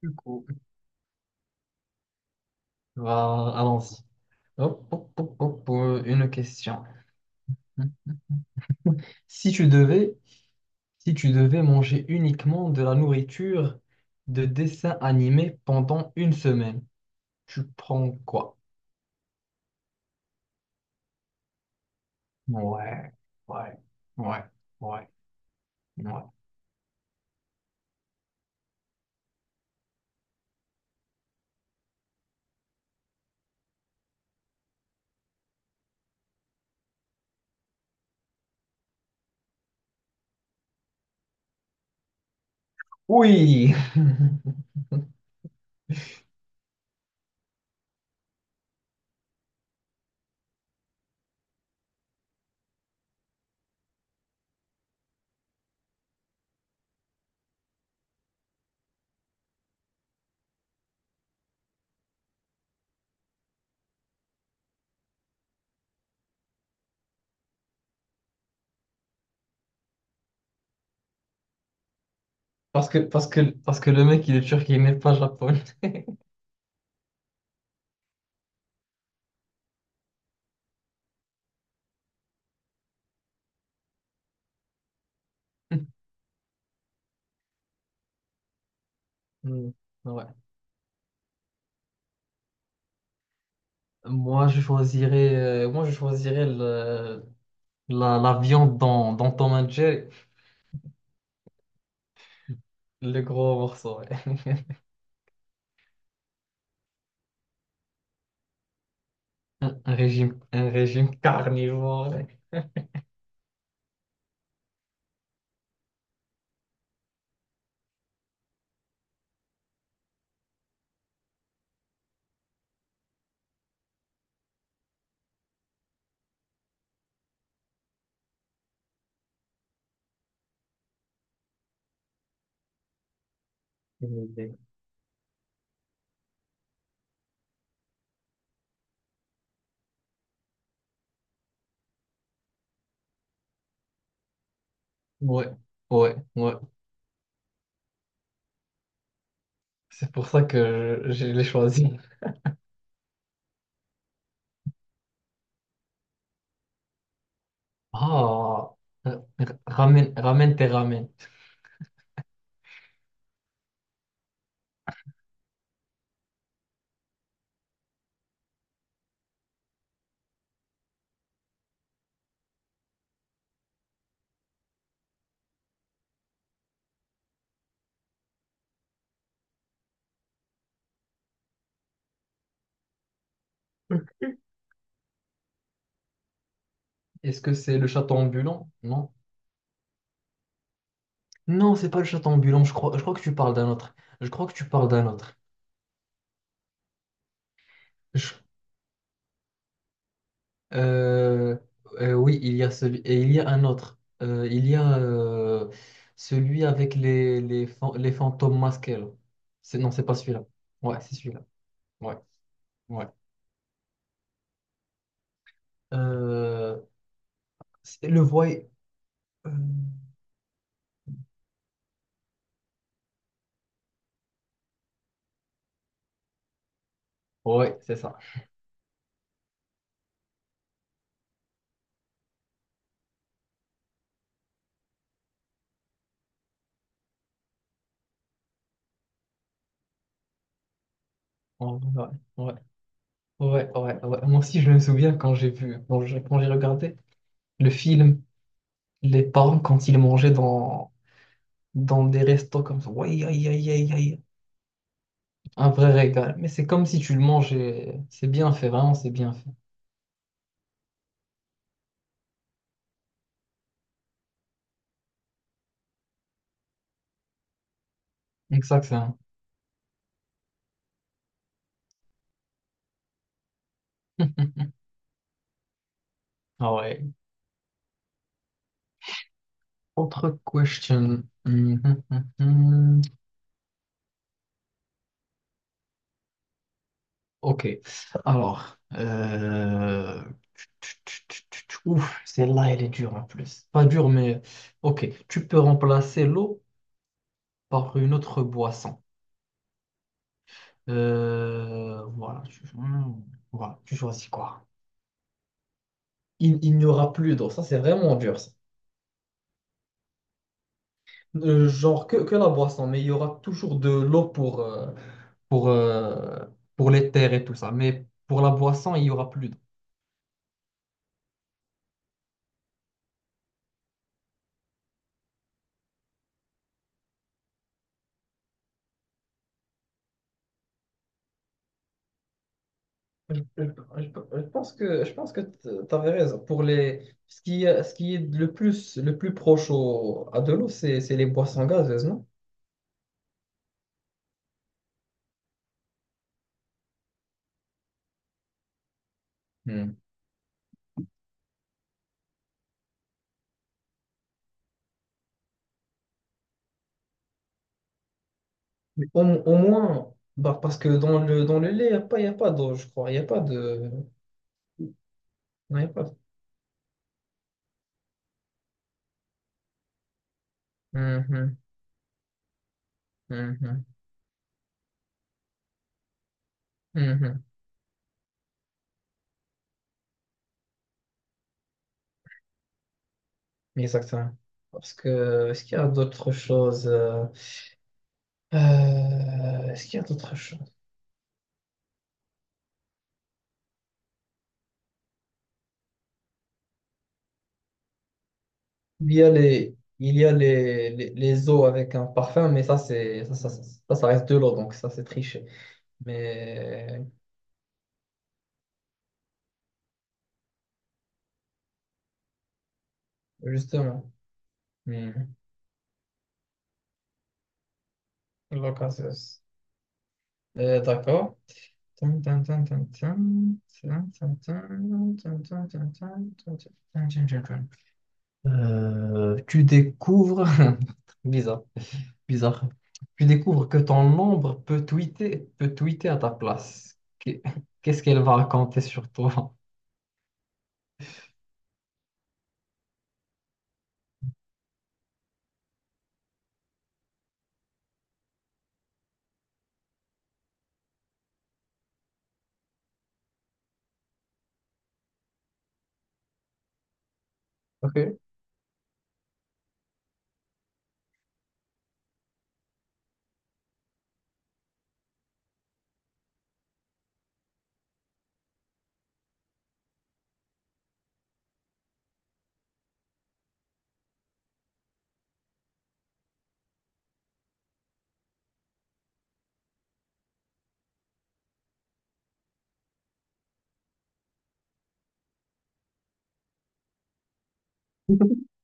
Du coup, allons-y. Hop, hop, hop, hop, une question. Si tu devais, si tu devais manger uniquement de la nourriture de dessin animé pendant une semaine, tu prends quoi? Ouais, ouais, ouais, ouais, ouais. Oui! Parce que le mec, il est turc, il n'est pas japonais. Hmm. Ouais. Moi, je choisirais la viande dans Tom and Jerry. Le gros morceau, ouais. Un régime, un régime carnivore. Ouais, ouais, ouais, ouais. C'est pour ça que je l'ai choisi. Ah, ramène, ramène tes ramènes. Est-ce que c'est le château ambulant? Non. Non, c'est pas le château ambulant. Je crois que tu parles d'un autre. Je crois que tu parles d'un autre. Je, Euh, oui, il y a celui et il y a un autre. Il y a celui avec les fantômes masqués là. Non, c'est pas celui-là. Ouais, c'est celui-là. Ouais, ouais. Euh, c'est le euh, ouais, c'est ça. Ouais, ouais, ouais, ouais, ouais. Moi aussi, je me souviens quand j'ai vu, quand j'ai regardé le film, les parents quand ils mangeaient dans des restos comme ça. Ouais, aïe, aïe, aïe, aïe. Un vrai régal. Mais c'est comme si tu le mangeais. C'est bien fait, vraiment, c'est bien fait. Exactement. Ah ouais. Autre question. Hum. Ok. Alors. Ouf, celle-là, elle est dure en plus. Pas dure, mais ok. Tu peux remplacer l'eau par une autre boisson. Voilà. Voilà. Tu choisis quoi? Il n'y aura plus d'eau. Ça, c'est vraiment dur ça. Genre que la boisson, mais il y aura toujours de l'eau pour, pour, euh, pour les terres et tout ça. Mais pour la boisson, il y aura plus d'eau. Je, je- je pense que tu avais raison. Pour les, ce qui est le plus proche à de l'eau, c'est les boissons gazeuses, non? Hmm. Mais au moins, bah, parce que dans le lait, il n'y a pas, y a pas d'eau, je crois. Il n'y a pas de. Non, y a pas. Mhm, mhm, mhm. Exactement. Parce que est-ce qu'il y a d'autres choses? Est-ce qu'il y a d'autres choses? Il y a les, les eaux avec un parfum, mais ça, c'est, ça reste de l'eau, donc ça, c'est triché. Mais justement, hmm, l'occasion. D'accord. Tin, tin, tin, tin, tin, tin, tin, tin, tin, tin, tin, tin, tin, tin, tin, tin, tin, tin. Euh, tu découvres, bizarre, bizarre. Tu découvres que ton ombre peut tweeter à ta place. Qu'est-ce qu'elle va raconter sur toi? Ok.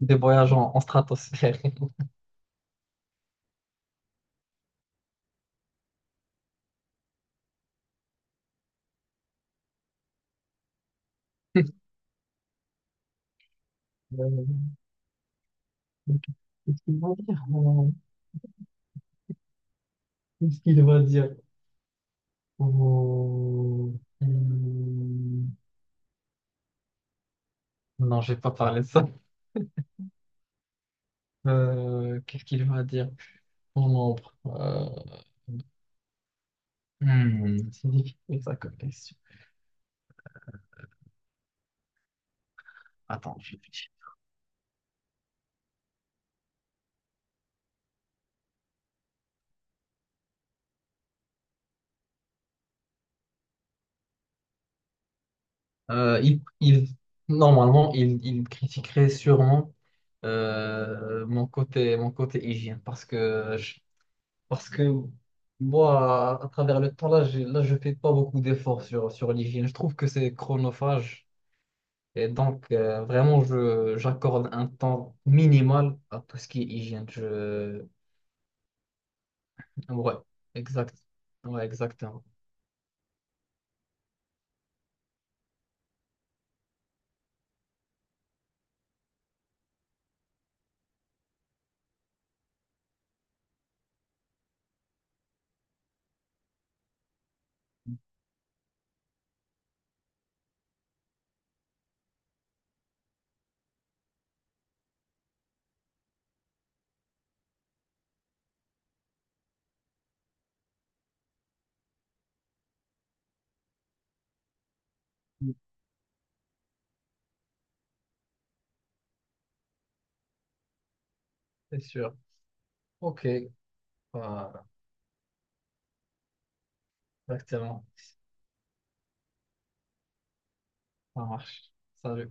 Des voyages en, en stratosphère. Euh, ok. Qu'est-ce qu'il va dire? Qu'est-ce qu'il va dire? Oh, hmm, non, j'ai pas parlé de ça. Qu'est-ce qu'il va dire? Mon ombre. Hmm, c'est difficile ça comme question. Attends, je réfléchis. Euh, il, il- Normalement, il critiquerait sûrement mon côté hygiène parce que moi, à travers le temps, là, là, je fais pas beaucoup d'efforts sur, sur l'hygiène. Je trouve que c'est chronophage et donc vraiment, j'accorde un temps minimal à tout ce qui est hygiène. Je... Ouais, exact. Ouais, exactement. C'est sûr. Ok, voilà, exactement. Ça marche. Salut.